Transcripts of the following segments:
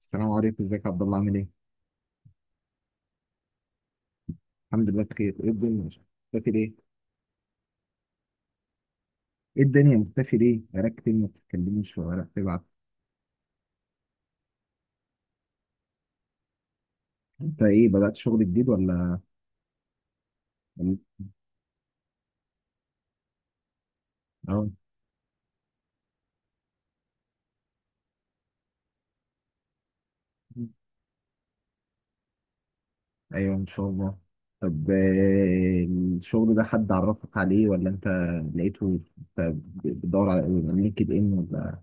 السلام عليكم، ازيك يا عبد الله؟ عامل ايه؟ الحمد لله بخير. ايه الدنيا؟ مختفي ليه؟ ايه الدنيا مختفي ليه؟ بقالك كتير ما بتتكلمش ولا بتبعت. انت ايه، بدأت شغل جديد ولا ولا- اه؟ ايوه، ان شاء الله. طب، الشغل ده حد عرفك عليه ولا انت لقيته؟ انت بتدور على لينكد ان ولا؟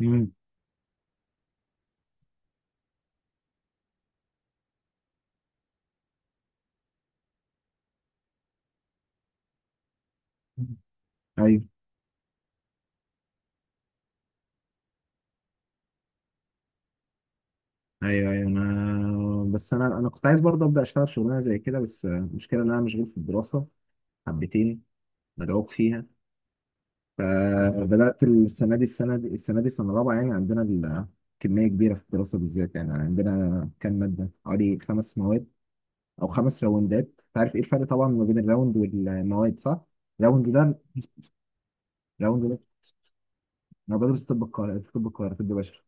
مم. ايوه ايوه ايوه، انا بس انا كنت عايز برضه ابدا اشتغل شغلانه زي كده، بس المشكله ان انا مشغول في الدراسه حبتين، مدعوك فيها. فبدأت السنة دي سنة رابعة، يعني عندنا كمية كبيرة في الدراسة بالذات. يعني عندنا كام مادة، حوالي خمس مواد أو خمس راوندات. أنت عارف إيه الفرق طبعا ما بين الراوند والمواد، صح؟ راوند ده راوند ده أنا بدرس طب القاهرة، طب بشري.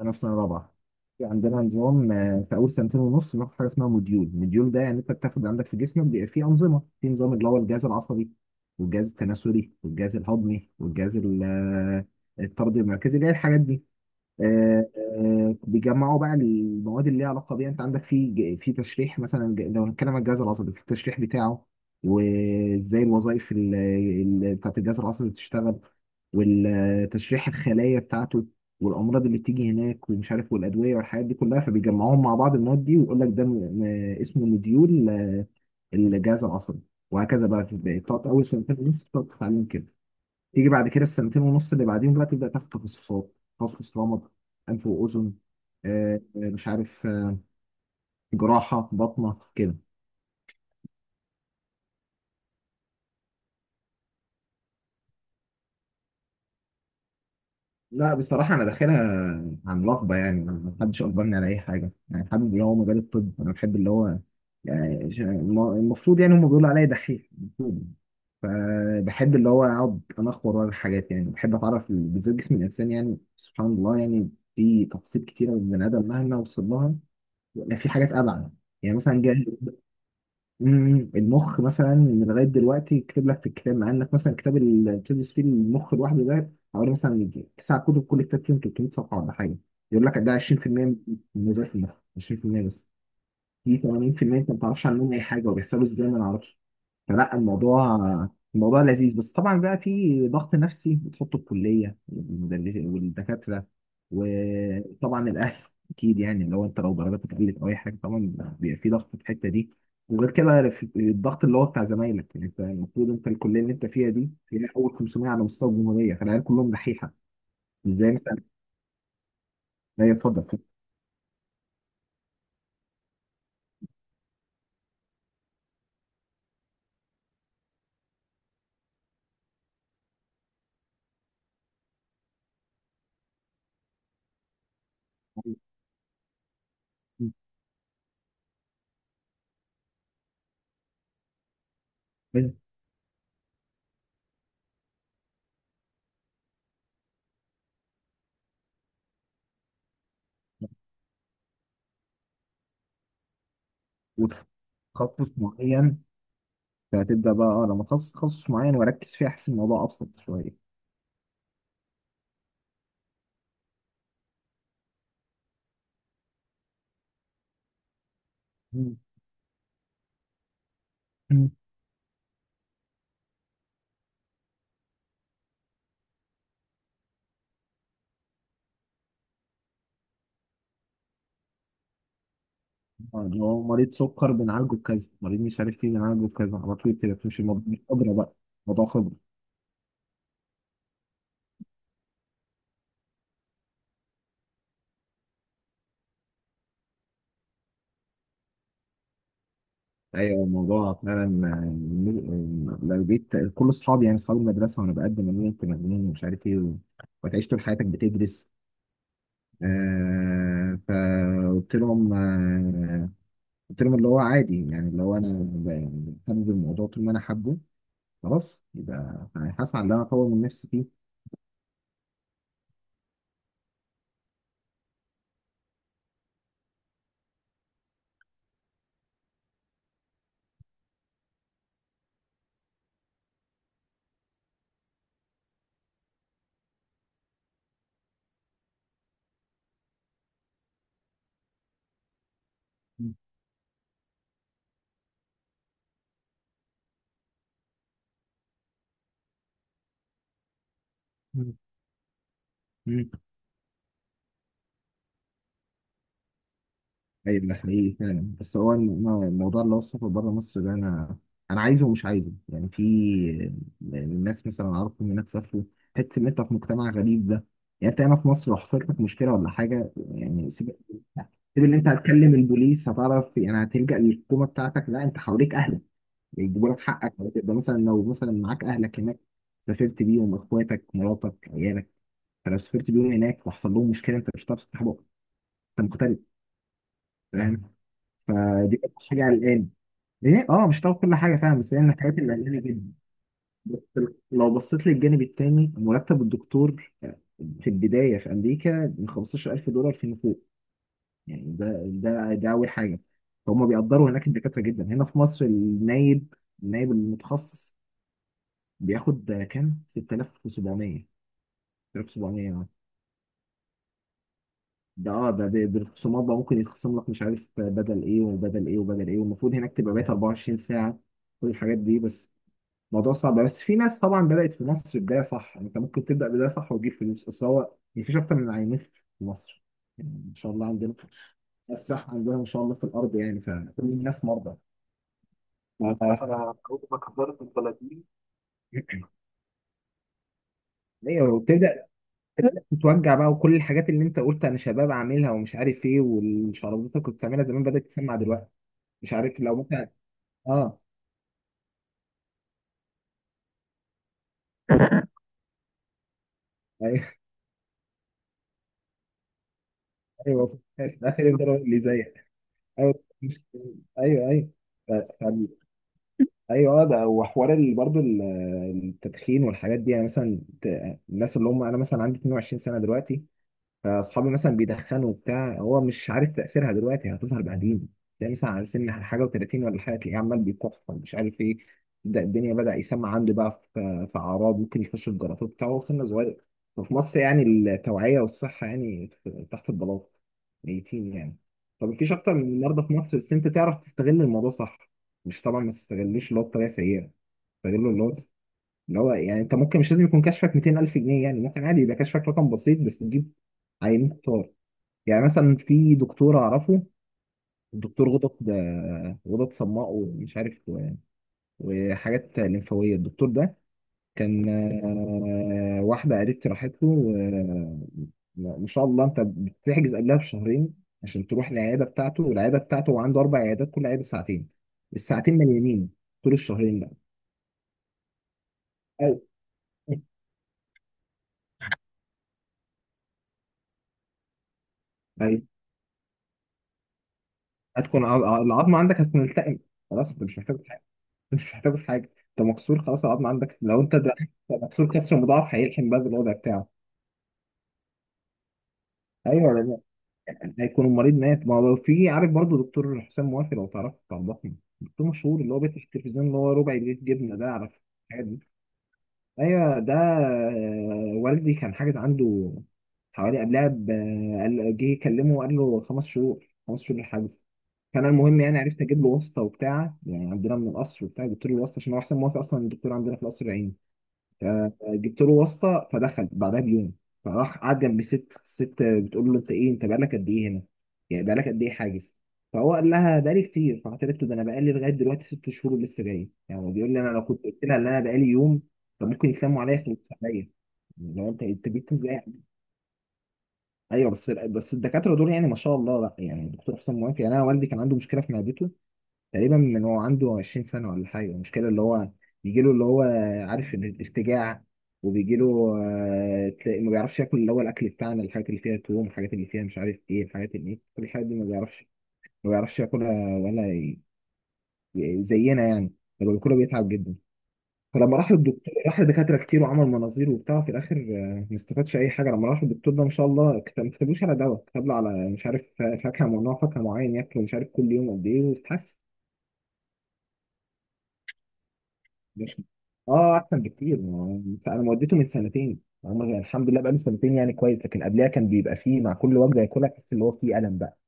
انا في سنه رابعه. في عندنا نظام، في اول سنتين ونص بناخد حاجه اسمها موديول. موديول ده يعني انت بتاخد عندك في جسمك بيبقى فيه انظمه، في نظام اللي هو الجهاز العصبي والجهاز التناسلي والجهاز الهضمي والجهاز ال- آه، الطردي المركزي، اللي هي الحاجات دي. بيجمعوا بقى المواد اللي ليها علاقه بيها. انت عندك في في تشريح مثلا، لو هنتكلم عن الجهاز العصبي، في التشريح بتاعه، وازاي الوظائف بتاعت الجهاز العصبي بتشتغل، والتشريح الخلايا بتاعته، والامراض اللي بتيجي هناك ومش عارف، والادويه والحاجات دي كلها. فبيجمعوهم مع بعض المواد دي ويقول لك ده اسمه مديول الجهاز العصبي، وهكذا بقى. في، بتقعد اول سنتين ونص بتقعد تتعلم كده. تيجي بعد كده السنتين ونص اللي بعديهم بقى تبدا تاخد تخصصات: تخصص رمد، انف واذن، مش عارف، جراحه بطنه كده. لا، بصراحه انا داخلها عن رغبه، يعني ما حدش اجبرني على اي حاجه. يعني حابب اللي هو مجال الطب، انا بحب اللي هو، يعني المفروض، يعني هم بيقولوا عليا دحيح المفروض، فبحب اللي هو اقعد انخور ورا الحاجات. يعني بحب اتعرف بالذات جسم الانسان. يعني سبحان الله، يعني في تفاصيل كتيره من البني ادم مهما وصل لها، يعني في حاجات ابعد. يعني مثلا جه، مم، المخ مثلا. من لغايه دلوقتي كتب لك في الكتاب، مع انك مثلا الكتاب اللي بتدرس فيه المخ لوحده ده حوالي مثلا يجي تسع كتب، كل كتاب فيهم 300 صفحه ولا حاجه، يقول لك ده 20% من وظائف المخ. 20% بس، في 80% انت ما تعرفش عنهم اي حاجه وبيحصلوا ازاي ما نعرفش. فلا، الموضوع لذيذ، بس طبعا بقى في ضغط نفسي بتحطه الكليه والدكاتره، وطبعا الاهل. اكيد يعني، لو انت لو درجاتك قلت او اي حاجه طبعا بيبقى في ضغط في الحته دي. وغير كده الضغط اللي هو بتاع زمايلك، يعني انت المفروض، انت الكليه اللي انت فيها دي هي اول 500 على مستوى الجمهوريه، فالعيال كلهم دحيحه، مش زي مثلا. لا، يتفضل. وتخصص معين. فهتبدأ بقى، اه، لما اتخصص تخصص معين واركز فيه، احس الموضوع ابسط شوية. مم. مم. اه، اللي هو مريض سكر بنعالجه بكذا، مريض مش عارف ايه بنعالجه بكذا، على طول كده تمشي. الموضوع مش خبرة بقى، موضوع خبرة. ايوه الموضوع فعلا، لو جيت كل اصحابي، يعني اصحاب المدرسة، وانا بقدم، ان انت مجنون ومش عارف ايه وتعيش طول حياتك بتدرس. آه، فقلت لهم، آه، قلت لهم اللي هو عادي يعني. اللي هو انا يعني حابب الموضوع، طول ما انا حابه، خلاص يبقى هسعى ان انا اطور من نفسي فيه. مم. مم. ايوه ده حقيقي فعلا. بس هو الموضوع اللي هو السفر بره مصر ده، انا عايزه ومش عايزه. يعني في الناس مثلا اعرفهم هناك سافروا، حته ان انت في مجتمع غريب ده. يعني انت هنا في مصر لو حصلت لك مشكله ولا حاجه، يعني سيب ان انت هتكلم البوليس هتعرف، يعني هتلجأ للحكومه بتاعتك. لا، انت حواليك اهلك بيجيبوا لك حقك. يبقى مثلا لو مثلا معاك اهلك هناك، سافرت بيهم اخواتك مراتك عيالك، فلو سافرت بيهم هناك وحصل لهم مشكله انت مش هتعرف تصلحها، انت مغترب، فاهم. فدي كانت حاجه قلقاني. ايه اه، مش هتعرف كل حاجه فعلا، بس هي من الحاجات اللي قلقاني جدا. بس لو بصيت للجانب التاني، مرتب الدكتور في البدايه في امريكا من 15000 دولار فيما فوق، يعني ده اول حاجه. فهم بيقدروا هناك الدكاتره جدا. هنا في مصر النايب، المتخصص بياخد كام؟ 6700. 6700. ده اه، ده بالخصومات بقى، ممكن يتخصم لك مش عارف بدل ايه وبدل ايه وبدل ايه. والمفروض هناك تبقى بقيت 24 ساعة، كل الحاجات دي. بس الموضوع صعب. بس في ناس طبعا بدأت في مصر بداية صح، يعني انت ممكن تبدأ بداية صح وتجيب فلوس. بس هو يعني مفيش أكتر من عينين في مصر، يعني ان شاء الله عندنا الصحة، عندنا ان شاء الله في الأرض، يعني فكل الناس مرضى. ف- ايوه تبدأ تتوجع بقى، وكل الحاجات اللي انت قلت انا شباب عاملها ومش عارف ايه، والشرابات اللي كنت بتعملها زمان بدأت تسمع دلوقتي، مش عارف لو ممكن اه. ايوه كنت خايف. اخر يفضل هو اللي زيك. ايوه، مش- ايوه ايوه. ف- ف- ايوه، ده. وحوار برضو التدخين والحاجات دي، يعني مثلا الناس اللي هم، انا مثلا عندي 22 سنه دلوقتي، فاصحابي مثلا بيدخنوا وبتاع، هو مش عارف تاثيرها دلوقتي، يعني هتظهر بعدين. تلاقي مثلا على سن حاجه و30 ولا حاجه، تلاقيه عمال بيكح مش عارف ايه. ده الدنيا بدا يسمع عنده بقى، في اعراض، ممكن يخش في جلطات بتاعه وهو سنه صغير. ففي مصر يعني التوعيه والصحه يعني تحت البلاط، ميتين يعني. فمفيش اكتر من النهارده في مصر، بس انت تعرف تستغل الموضوع صح. مش طبعا ما تستغلوش اللي هو بطريقه سيئه، استغله اللي هو يعني. انت ممكن مش لازم يكون كشفك 200000 جنيه، يعني ممكن عادي يبقى كشفك رقم بسيط، بس تجيب عينين كتار. يعني مثلا في دكتور اعرفه، الدكتور غدد، صماء ومش عارف وحاجات لمفاويه. الدكتور ده كان، واحده قريبتي راحت له. ما شاء الله، انت بتحجز قبلها بشهرين عشان تروح العياده بتاعته. والعياده بتاعته، هو عنده اربع عيادات، كل عياده ساعتين، الساعتين مليانين طول الشهرين ده. أيوة. هتكون العظمه عندك هتكون التئم، خلاص انت مش محتاج حاجه. انت مش محتاج في حاجه. انت مكسور خلاص، العظمه عندك لو انت ده مكسور كسر مضاعف، هيلحم بقى بالوضع بتاعه. ايوه ولا لا؟ هيكون المريض مات. ما هو لو في، عارف برضو دكتور حسام موافي؟ لو تعرف بتاع الضخم، دكتور مشهور اللي هو بيفتح التلفزيون اللي هو ربع جنيه جبنه ده، عارف الحاجات دي. ايوه، ده والدي كان حاجز عنده، حوالي قبلها جه يكلمه وقال له خمس شهور، الحجز. فانا المهم يعني عرفت اجيب له واسطه وبتاع، يعني عندنا من القصر وبتاع، جبت له الواسطه عشان هو احسن موافق اصلا الدكتور، عندنا في القصر العيني. فجبت له واسطه، فدخل بعدها بيوم. فراح قعد جنب الست، الست بتقول له: انت ايه، انت بقالك قد ايه هنا؟ يعني بقالك قد ايه حاجز؟ فهو قال لها بقالي كتير. فقالت له: ده انا بقالي لغايه دلوقتي ست شهور ولسه جاي. يعني هو بيقول لي: انا لو كنت قلت لها ان انا بقالي يوم كان ممكن يتلموا عليا يخلصوا عليا. لو انت جيت ازاي؟ ايوه، بس الدكاتره دول يعني ما شاء الله، لا يعني الدكتور حسام موافق. يعني انا والدي كان عنده مشكله في معدته تقريبا من، هو عنده 20 سنة ولا حاجة. المشكلة اللي هو بيجي له، اللي هو، عارف إن الارتجاع، وبيجي له تلاقي ما بيعرفش ياكل، اللي هو الأكل بتاعنا، الحاجات اللي فيها توم، الحاجات اللي فيها مش عارف إيه، الحاجات اللي إيه، كل الحاجات دي ما بيعرفش، ياكلها ولا زينا يعني. لما بياكلها بيتعب جدا. فلما راح للدكتور، راح لدكاترة كتير وعمل مناظير وبتاع، في الآخر ما استفادش أي حاجة. لما راح للدكتور ده ما شاء الله كتب، ما كتبلوش على دواء، كتب له على مش عارف فاكهة ممنوع، فاكهة معين ياكله مش عارف كل يوم قد إيه، واتحسن. مش اه احسن بكتير. انا ما وديته من سنتين، هم، يعني الحمد لله بقاله سنتين يعني كويس، لكن قبلها كان بيبقى فيه مع كل وجبه ياكلها تحس اللي هو فيه الم بقى.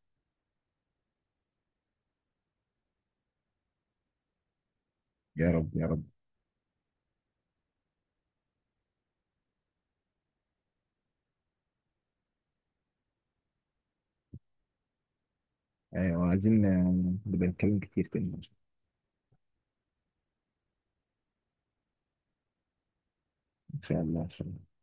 يا رب يا رب. ايوه عايزين نبقى نتكلم كتير تاني. ان شاء الله، إن شاء الله.